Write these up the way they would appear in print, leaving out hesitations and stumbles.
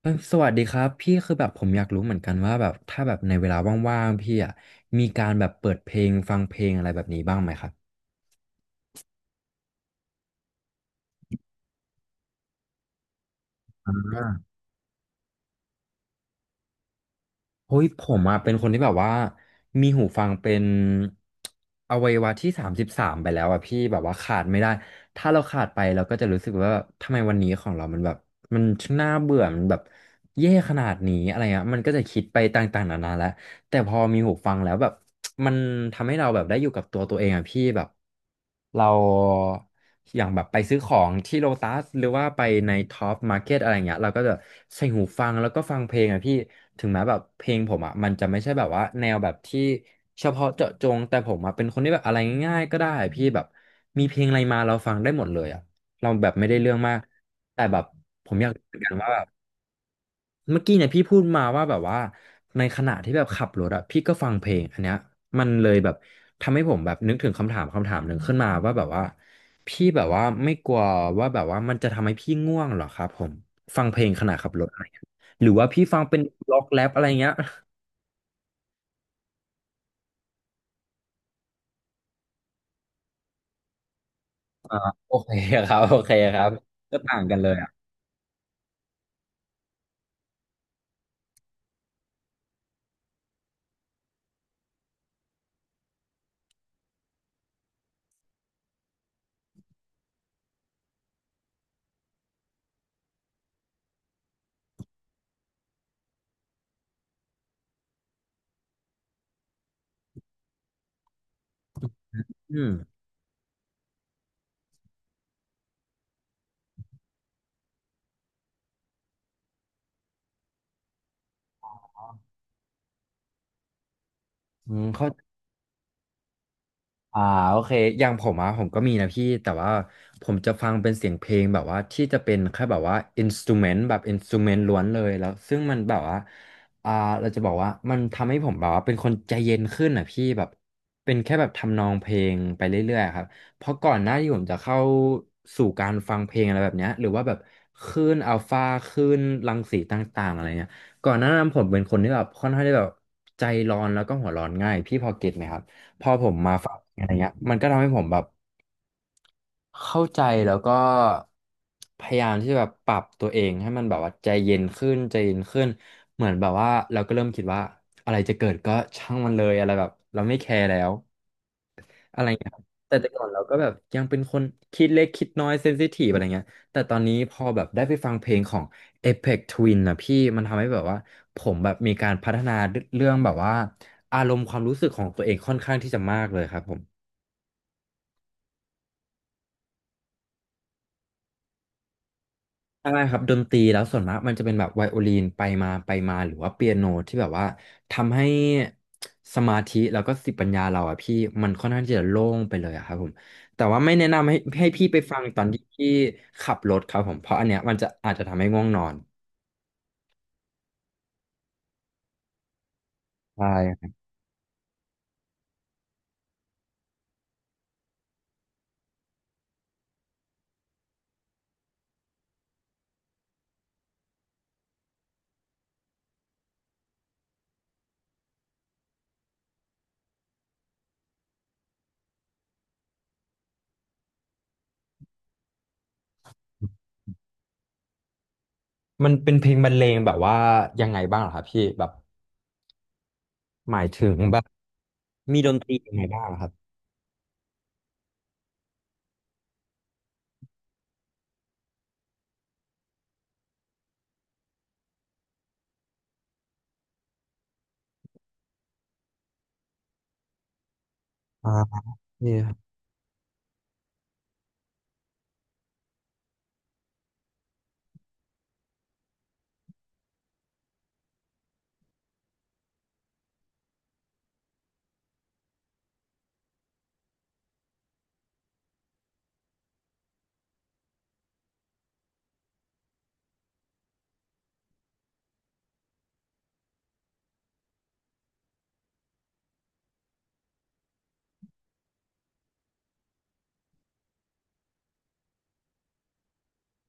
เอ้ยสวัสดีครับพี่คือแบบผมอยากรู้เหมือนกันว่าแบบถ้าแบบในเวลาว่างๆพี่อ่ะมีการแบบเปิดเพลงฟังเพลงอะไรแบบนี้บ้างไหมครับอ่าเฮ้ยผมอ่ะเป็นคนที่แบบว่ามีหูฟังเป็นอวัยวะที่33ไปแล้วอ่ะพี่แบบว่าขาดไม่ได้ถ้าเราขาดไปเราก็จะรู้สึกว่าทำไมวันนี้ของเรามันแบบมันช่างน่าเบื่อมันแบบเย่ขนาดนี้อะไรอ่ะมันก็จะคิดไปต่างๆนานาแล้ว แต่พอมีหูฟังแล้วแบบ มันทำให้เราแบบได้อยู่กับตัวเองอ่ะพี่แบบเราอย่างแบบไปซื้อของที่โลตัสหรือว่าไปในท็อปมาร์เก็ตอะไรเงี้ยเราก็จะใส่หูฟังแล้วก็ฟังเพลงอ่ะพี่ถึงแม้แบบเพลงผมอ่ะมันจะไม่ใช่แบบว่าแนวแบบที่เฉพาะเจาะจงแต่ผมอ่ะเป็นคนที่แบบอะไรง่ายๆก็ได้อะพี่แบบมีเพลงอะไรมาเราฟังได้หมดเลยอ่ะเราแบบไม่ได้เรื่องมากแต่แบบเหมือนกันว่า เมื่อกี้เนี่ยพี่พูดมาว่าแบบว่าในขณะที่แบบขับรถอะพี่ก็ฟังเพลงอันเนี้ยมันเลยแบบทำให้ผมแบบนึกถึงคำถามคำถามหนึ่งขึ้นมาว่าแบบว่าพี่แบบว่าไม่กลัวว่าแบบว่ามันจะทำให้พี่ง่วงเหรอครับผมฟังเพลงขณะขับรถอะไรเงี้ยหรือว่าพี่ฟังเป็นล็อกแรปอะไรเงี้ย โอเคครับโอเคครับก็ต่างกันเลยอ่ะอืมอืมเข้า อ่าโอเคอย่างผมอะผมก็มีนะพี่แต่ว่าผมจะฟังเป็นเสียงเพลงแบบว่าที่จะเป็นแค่แบบว่าอินสตูเมนต์แบบอินสตูเมนต์ล้วนเลยแล้วซึ่งมันแบบว่าอ่าเราจะบอกว่ามันทำให้ผมแบบว่าเป็นคนใจเย็นขึ้นอ่ะพี่แบบเป็นแค่แบบทำนองเพลงไปเรื่อยๆครับเพราะก่อนหน้าที่ผมจะเข้าสู่การฟังเพลงอะไรแบบเนี้ยหรือว่าแบบคลื่นอัลฟาคลื่นรังสีต่างๆอะไรเงี้ยก่อนหน้านั้นผมเป็นคนที่แบบค่อนข้างที่แบบใจร้อนแล้วก็หัวร้อนง่ายพี่พอเก็ตไหมครับ พอผมมาฟังอะไรเงี้ยมันก็ทำให้ผมแบบเข้าใจแล้วก็พยายามที่จะแบบปรับตัวเองให้มันแบบว่าใจเย็นขึ้นใจเย็นขึ้นเหมือนแบบว่าเราก็เริ่มคิดว่าอะไรจะเกิดก็ช่างมันเลยอะไรแบบเราไม่แคร์แล้วอะไรเงี้ยครับแต่ก่อนเราก็แบบยังเป็นคนคิดเล็กคิดน้อยเซนซิทีฟอะไรเงี้ยแต่ตอนนี้พอแบบได้ไปฟังเพลงของ Aphex Twin นนะพี่มันทำให้แบบว่าผมแบบมีการพัฒนาเรื่องแบบว่าอารมณ์ความรู้สึกของตัวเองค่อนข้างที่จะมากเลยครับผม ใช่ครับดนตรีแล้วส่วนมากมันจะเป็นแบบไวโอลินไปมาไปมาหรือว่าเปียโนที่แบบว่าทำให้สมาธิแล้วก็สติปัญญาเราอะพี่มันค่อนข้างที่จะโล่งไปเลยอะครับผมแต่ว่าไม่แนะนำให้พี่ไปฟังตอนที่พี่ขับรถครับผมเพราะอันเนี้ยมันจะอาจจะทำให้ง่วงนอนใช่ครับมันเป็นเพลงบรรเลงแบบว่ายังไงบ้างเหรอครับพี่แบบหมายถึงแบบมีดนตรียังไงบ้างเหรอครับอ่า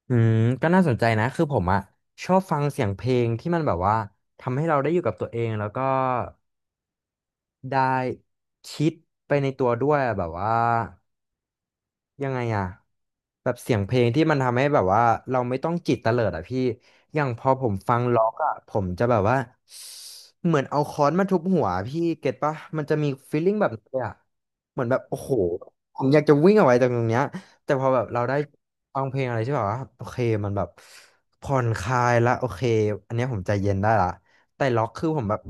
อืมก็น่าสนใจนะคือผมอะชอบฟังเสียงเพลงที่มันแบบว่าทำให้เราได้อยู่กับตัวเองแล้วก็ได้คิดไปในตัวด้วยอะแบบว่ายังไงอะแบบเสียงเพลงที่มันทำให้แบบว่าเราไม่ต้องจิตเตลิดอ่ะพี่อย่างพอผมฟังล็อกอะผมจะแบบว่า เหมือนเอาค้อนมาทุบหัวพี่เก็ตปะมันจะมีฟีลลิ่งแบบนี้เลยอะเหมือนแบบโอ้โหผมอยากจะวิ่งออกไปจากตรงเนี้ยแต่พอแบบเราได้ฟังเพลงอะไรที่แบบว่าโอเคมันแบบผ่อนคลายละโอเคอันเนี้ยผมใจเย็นได้ละแต่ล็อกคือผมแบบ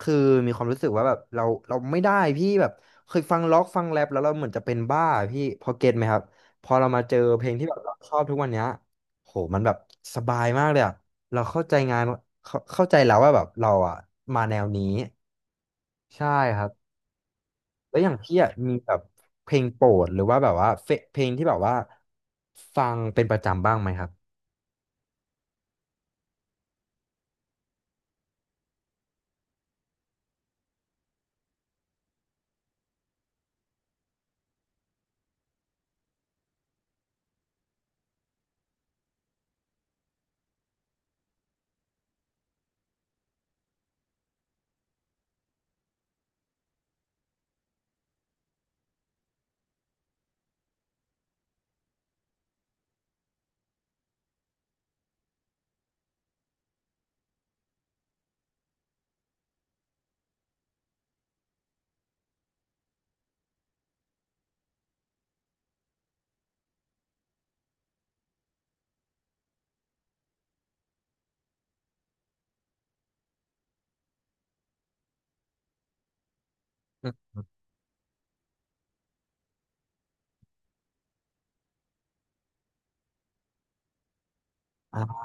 คือมีความรู้สึกว่าแบบเราเราไม่ได้พี่แบบเคยฟังล็อกฟังแรปแล้วเราเหมือนจะเป็นบ้าอะพี่พอเก็ตไหมครับพอเรามาเจอเพลงที่แบบเราชอบทุกวันเนี้ยโหมันแบบสบายมากเลยอะ เราเข้าใจงานเข้าใจแล้วว่าแบบเราอ่ะมาแนวนี้ใช่ครับแล้วอย่างพี่อ่ะมีแบบเพลงโปรดหรือว่าแบบว่าเพลงที่แบบว่าฟังเป็นประจำบ้างไหมครับอืมอ่า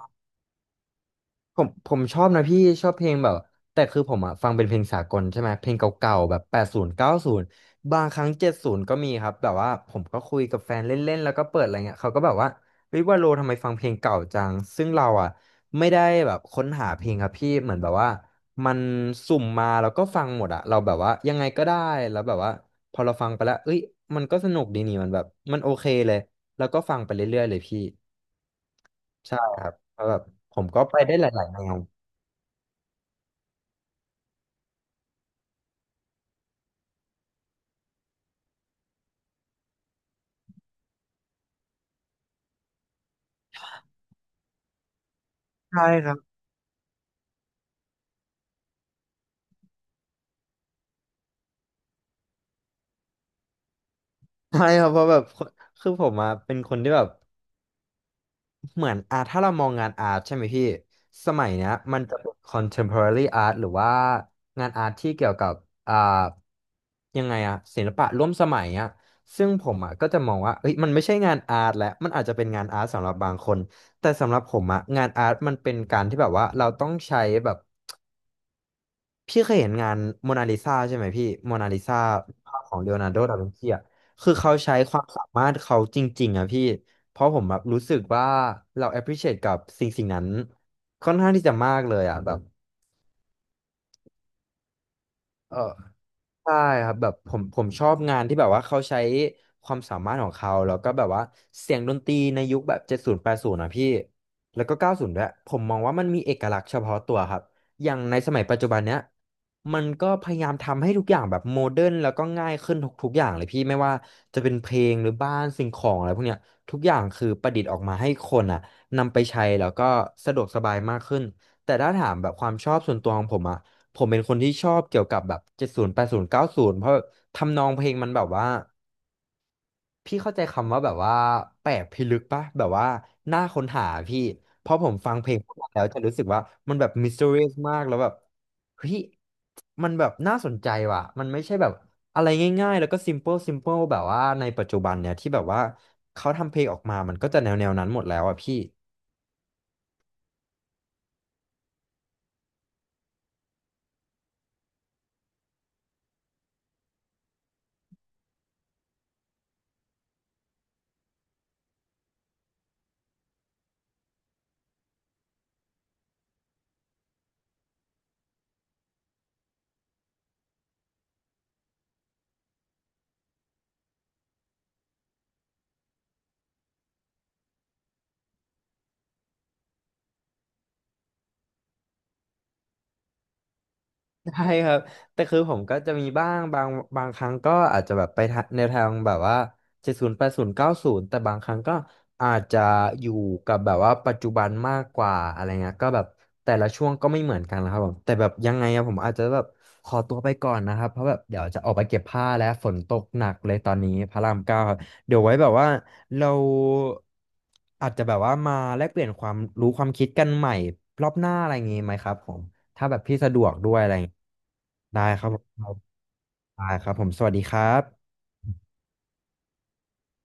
ผมชอบนะพี่ชอบเพลงแบบแต่คือผมอะฟังเป็นเพลงสากลใช่ไหมเพลงเก่าๆแบบแปดศูนย์เก้าศูนย์บางครั้งเจ็ดศูนย์ก็มีครับแบบว่าผมก็คุยกับแฟนเล่นๆแล้วก็เปิดอะไรเงี้ยเขาก็แบบว่าเฮ้ยว่าโลทำไมฟังเพลงเก่าจังซึ่งเราอะไม่ได้แบบค้นหาเพลงครับพี่เหมือนแบบว่ามันสุ่มมาแล้วก็ฟังหมดอะเราแบบว่ายังไงก็ได้แล้วแบบว่าพอเราฟังไปแล้วเอ้ยมันก็สนุกดีนี่มันแบบมันโอเคเลยแล้วก็ฟังไปเรื่อยๆเลยพี่ใช่ครับเพราะแบบผมก็ไปได้หลายๆแนว ใช่ครับเพราะแบบคนคือผมอะเป็นคนที่แบบเหมือนอาถ้าเรามองงานอาร์ตใช่ไหมพี่สมัยเนี้ยมันจะเป็น contemporary art หรือว่างานอาร์ตที่เกี่ยวกับอ่ายังไงอะศิลปะร่วมสมัยอะซึ่งผมอะก็จะมองว่าเอ้ยมันไม่ใช่งานอาร์ตแล้วมันอาจจะเป็นงานอาร์ตสำหรับบางคนแต่สำหรับผมอะงานอาร์ตมันเป็นการที่แบบว่าเราต้องใช้แบบ พี่เคยเห็นงานโมนาลิซาใช่ไหมพี่โมนาลิซาภาพของเลโอนาร์โดดาวินชีอ่ะคือเขาใช้ความสามารถเขาจริงๆอ่ะพี่ เพราะผมแบบรู้สึกว่าเรา appreciate กับสิ่งนั้นค่อนข้างที่จะมากเลยอ่ะแบบเออ ใช่ครับแบบผมชอบงานที่แบบว่าเขาใช้ความสามารถของเขาแล้วก็แบบว่าเสียงดนตรีในยุคแบบเจ็ดศูนย์แปดศูนย์นะพี่แล้วก็เก้าศูนย์ด้วยผมมองว่ามันมีเอกลักษณ์เฉพาะตัวครับอย่างในสมัยปัจจุบันเนี้ยมันก็พยายามทำให้ทุกอย่างแบบโมเดิร์นแล้วก็ง่ายขึ้นทุกอย่างเลยพี่ไม่ว่าจะเป็นเพลงหรือบ้านสิ่งของอะไรพวกเนี้ยทุกอย่างคือประดิษฐ์ออกมาให้คนอ่ะนำไปใช้แล้วก็สะดวกสบายมากขึ้นแต่ถ้าถามแบบความชอบส่วนตัวของผมอ่ะ ผมเป็นคนที่ชอบเกี่ยวกับแบบเจ็ดศูนย์แปดศูนย์เก้าศูนย์เพราะทำนองเพลงมันแบบว่าพี่เข้าใจคำว่าแบบว่าแปลกพิลึกปะแบบว่าน่าค้นหาพี่เพราะผมฟังเพลงพวกนั้นแล้วจะรู้สึกว่ามันแบบมิส t ต r i รี s มากแล้วแบบเฮ้ยมันแบบน่าสนใจว่ะมันไม่ใช่แบบอะไรง่ายๆแล้วก็ซิมเ l ิลแบบว่าในปัจจุบันเนี่ยที่แบบว่าเขาทำเพลงออกมามันก็จะแนวนั้นหมดแล้วอ่ะพี่ ใช่ครับแต่คือผมก็จะมีบ้างบางครั้งก็อาจจะแบบไปทะแนวทางแบบว่าเจ็ดศูนย์แปดศูนย์เก้าศูนย์แต่บางครั้งก็อาจจะอยู่กับแบบว่าปัจจุบันมากกว่าอะไรเงี้ยก็แบบแต่ละช่วงก็ไม่เหมือนกันนะครับผมแต่แบบยังไงอะผมอาจจะแบบขอตัวไปก่อนนะครับเพราะแบบเดี๋ยวจะออกไปเก็บผ้าแล้วฝนตกหนักเลยตอนนี้พระรามเก้าครับเดี๋ยวไว้แบบว่าเราอาจจะแบบว่ามาแลกเปลี่ยนความรู้ความคิดกันใหม่รอบหน้าอะไรอย่างงี้ไหมครับผม ถ้าแบบพี่สะดวกด้วยอะไรอย่างเงี้ยได้ครับผมได้ครับผมสวัสดีครับ